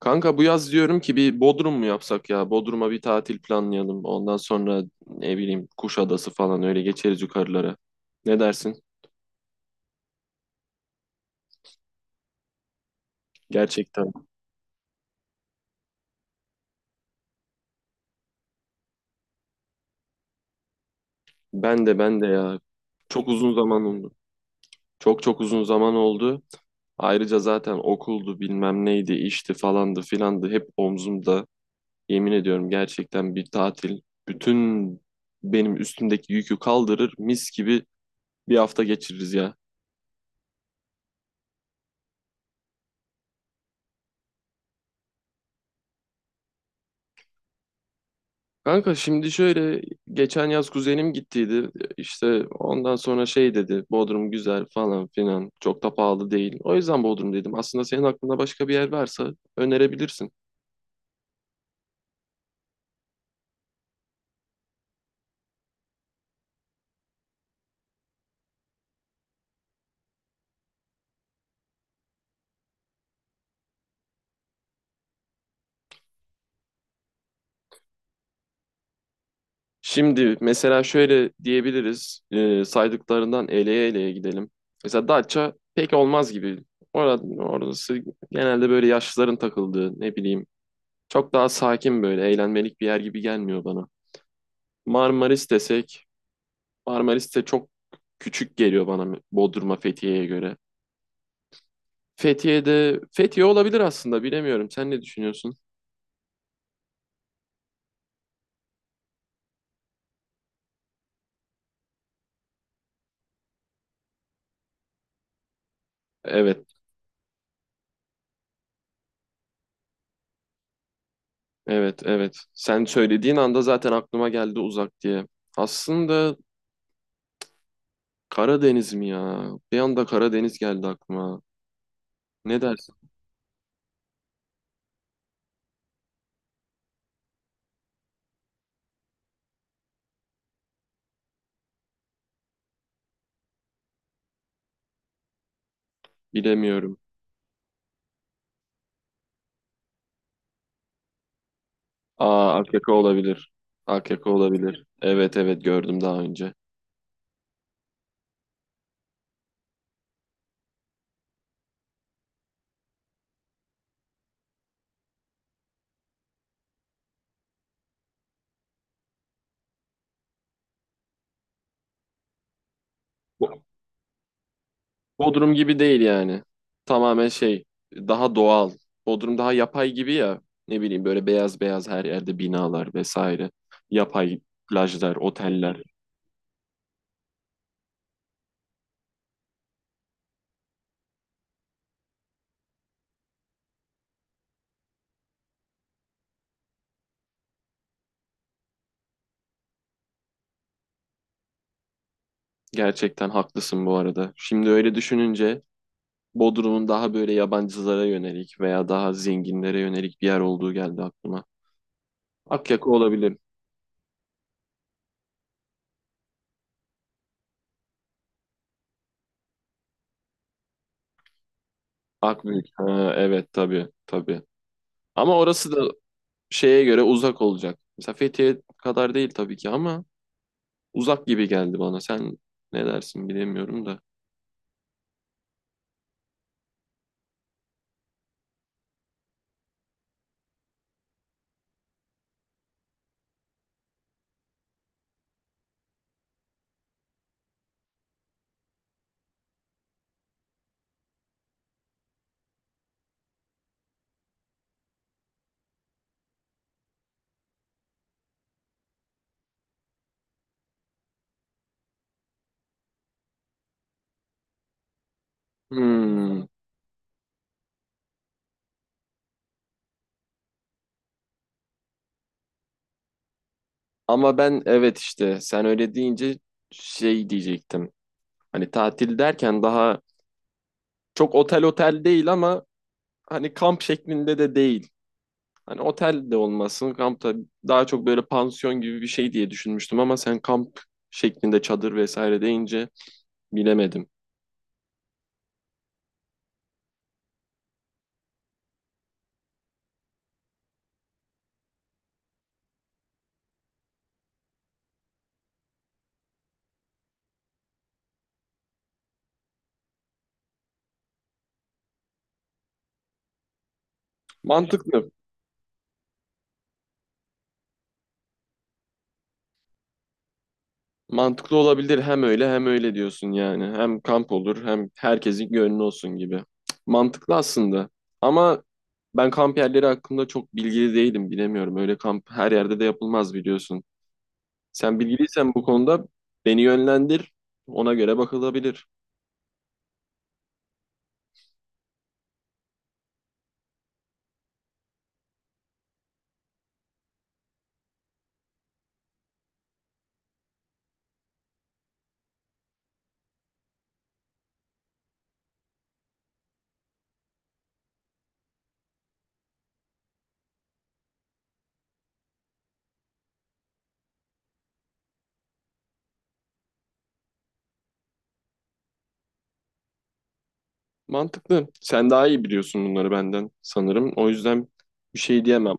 Kanka bu yaz diyorum ki bir Bodrum mu yapsak ya? Bodrum'a bir tatil planlayalım. Ondan sonra ne bileyim Kuşadası falan öyle geçeriz yukarılara. Ne dersin? Gerçekten. Ben de ben de ya. Çok uzun zaman oldu. Çok çok uzun zaman oldu. Ayrıca zaten okuldu bilmem neydi işti falandı filandı hep omzumda. Yemin ediyorum gerçekten bir tatil bütün benim üstümdeki yükü kaldırır mis gibi bir hafta geçiririz ya. Kanka şimdi şöyle geçen yaz kuzenim gittiydi işte ondan sonra şey dedi Bodrum güzel falan filan çok da pahalı değil. O yüzden Bodrum dedim, aslında senin aklında başka bir yer varsa önerebilirsin. Şimdi mesela şöyle diyebiliriz, saydıklarından eleye eleye gidelim. Mesela Datça pek olmaz gibi. Orası genelde böyle yaşlıların takıldığı, ne bileyim, çok daha sakin, böyle eğlenmelik bir yer gibi gelmiyor bana. Marmaris desek, Marmaris de çok küçük geliyor bana Bodrum'a Fethiye'ye göre. Fethiye olabilir aslında, bilemiyorum. Sen ne düşünüyorsun? Evet, evet, evet. Sen söylediğin anda zaten aklıma geldi uzak diye. Aslında Karadeniz mi ya? Bir anda Karadeniz geldi aklıma. Ne dersin? Bilemiyorum. Aa, AKK olabilir. AKK olabilir. Evet, evet, gördüm daha önce. Bodrum gibi değil yani. Tamamen şey, daha doğal. Bodrum daha yapay gibi ya. Ne bileyim böyle beyaz beyaz her yerde binalar vesaire. Yapay plajlar, oteller. Gerçekten haklısın bu arada. Şimdi öyle düşününce Bodrum'un daha böyle yabancılara yönelik veya daha zenginlere yönelik bir yer olduğu geldi aklıma. Akyaka olabilir. Akbük. Ha, evet, tabii tabii. Ama orası da şeye göre uzak olacak. Mesela Fethiye kadar değil tabii ki, ama uzak gibi geldi bana. Sen ne dersin bilemiyorum da. Hmm. Ama ben, evet, işte sen öyle deyince şey diyecektim. Hani tatil derken daha çok otel otel değil ama hani kamp şeklinde de değil. Hani otel de olmasın, kamp da. Daha çok böyle pansiyon gibi bir şey diye düşünmüştüm, ama sen kamp şeklinde çadır vesaire deyince bilemedim. Mantıklı. Mantıklı olabilir, hem öyle hem öyle diyorsun yani. Hem kamp olur, hem herkesin gönlü olsun gibi. Mantıklı aslında. Ama ben kamp yerleri hakkında çok bilgili değilim, bilemiyorum. Öyle kamp her yerde de yapılmaz, biliyorsun. Sen bilgiliysen bu konuda beni yönlendir. Ona göre bakılabilir. Mantıklı. Sen daha iyi biliyorsun bunları benden sanırım. O yüzden bir şey diyemem.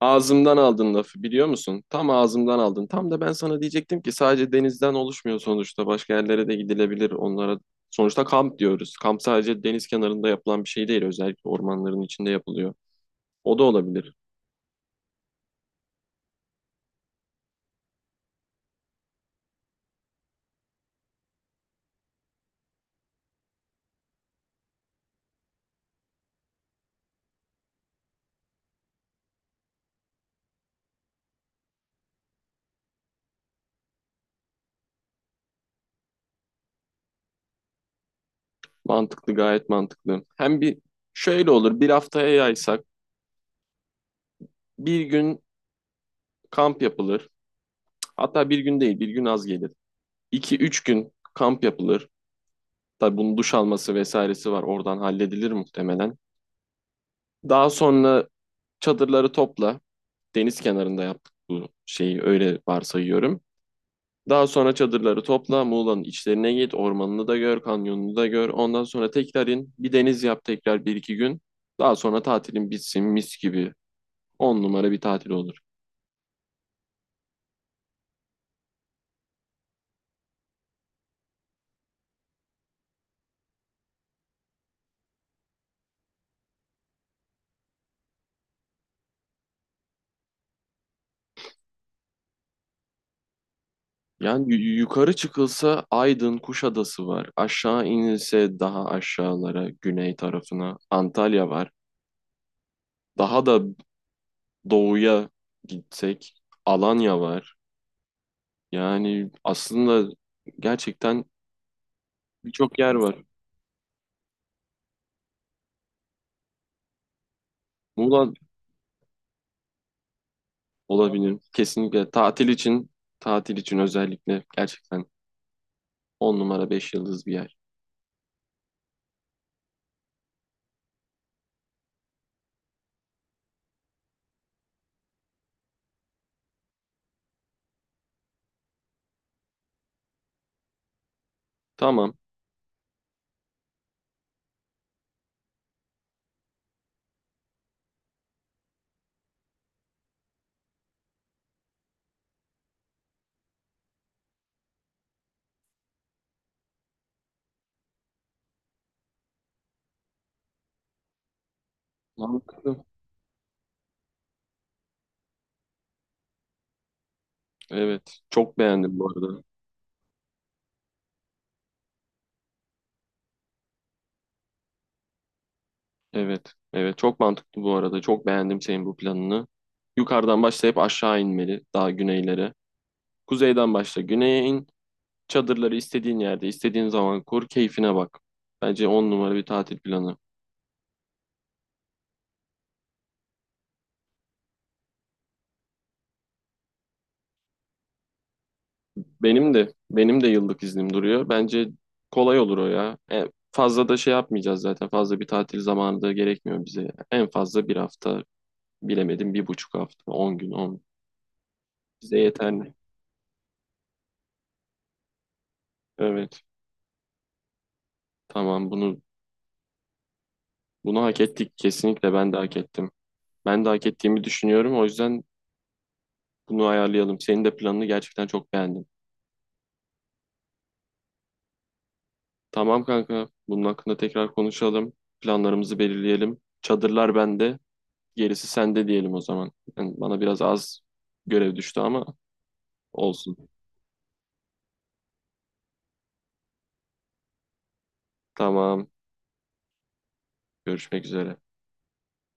Ağzımdan aldın lafı, biliyor musun? Tam ağzımdan aldın. Tam da ben sana diyecektim ki sadece denizden oluşmuyor sonuçta. Başka yerlere de gidilebilir onlara. Sonuçta kamp diyoruz. Kamp sadece deniz kenarında yapılan bir şey değil. Özellikle ormanların içinde yapılıyor. O da olabilir. Mantıklı, gayet mantıklı. Hem bir şöyle olur. Bir haftaya yaysak bir gün kamp yapılır. Hatta bir gün değil, bir gün az gelir. 2 üç gün kamp yapılır. Tabii bunun duş alması vesairesi var. Oradan halledilir muhtemelen. Daha sonra çadırları topla. Deniz kenarında yaptık bu şeyi, öyle varsayıyorum. Daha sonra çadırları topla, Muğla'nın içlerine git, ormanını da gör, kanyonunu da gör. Ondan sonra tekrar in, bir deniz yap tekrar bir iki gün. Daha sonra tatilin bitsin mis gibi. On numara bir tatil olur. Yani yukarı çıkılsa Aydın, Kuşadası var. Aşağı inilse daha aşağılara, güney tarafına Antalya var. Daha da doğuya gitsek Alanya var. Yani aslında gerçekten birçok yer var. Muğla olabilir. Kesinlikle tatil için, tatil için özellikle gerçekten 10 numara, 5 yıldız bir yer. Tamam. Mantıklı. Evet. Çok beğendim bu arada. Evet. Evet. Çok mantıklı bu arada. Çok beğendim senin bu planını. Yukarıdan başlayıp aşağı inmeli. Daha güneylere. Kuzeyden başla. Güneye in. Çadırları istediğin yerde, istediğin zaman kur. Keyfine bak. Bence 10 numara bir tatil planı. Benim de benim de yıllık iznim duruyor. Bence kolay olur o ya. En fazla da şey yapmayacağız zaten. Fazla bir tatil zamanı da gerekmiyor bize. Ya. En fazla bir hafta, bilemedim bir buçuk hafta. 10 gün on. Bize yeterli. Evet. Tamam bunu hak ettik. Kesinlikle ben de hak ettim. Ben de hak ettiğimi düşünüyorum. O yüzden bunu ayarlayalım. Senin de planını gerçekten çok beğendim. Tamam kanka. Bunun hakkında tekrar konuşalım. Planlarımızı belirleyelim. Çadırlar bende. Gerisi sende diyelim o zaman. Yani bana biraz az görev düştü ama olsun. Tamam. Görüşmek üzere.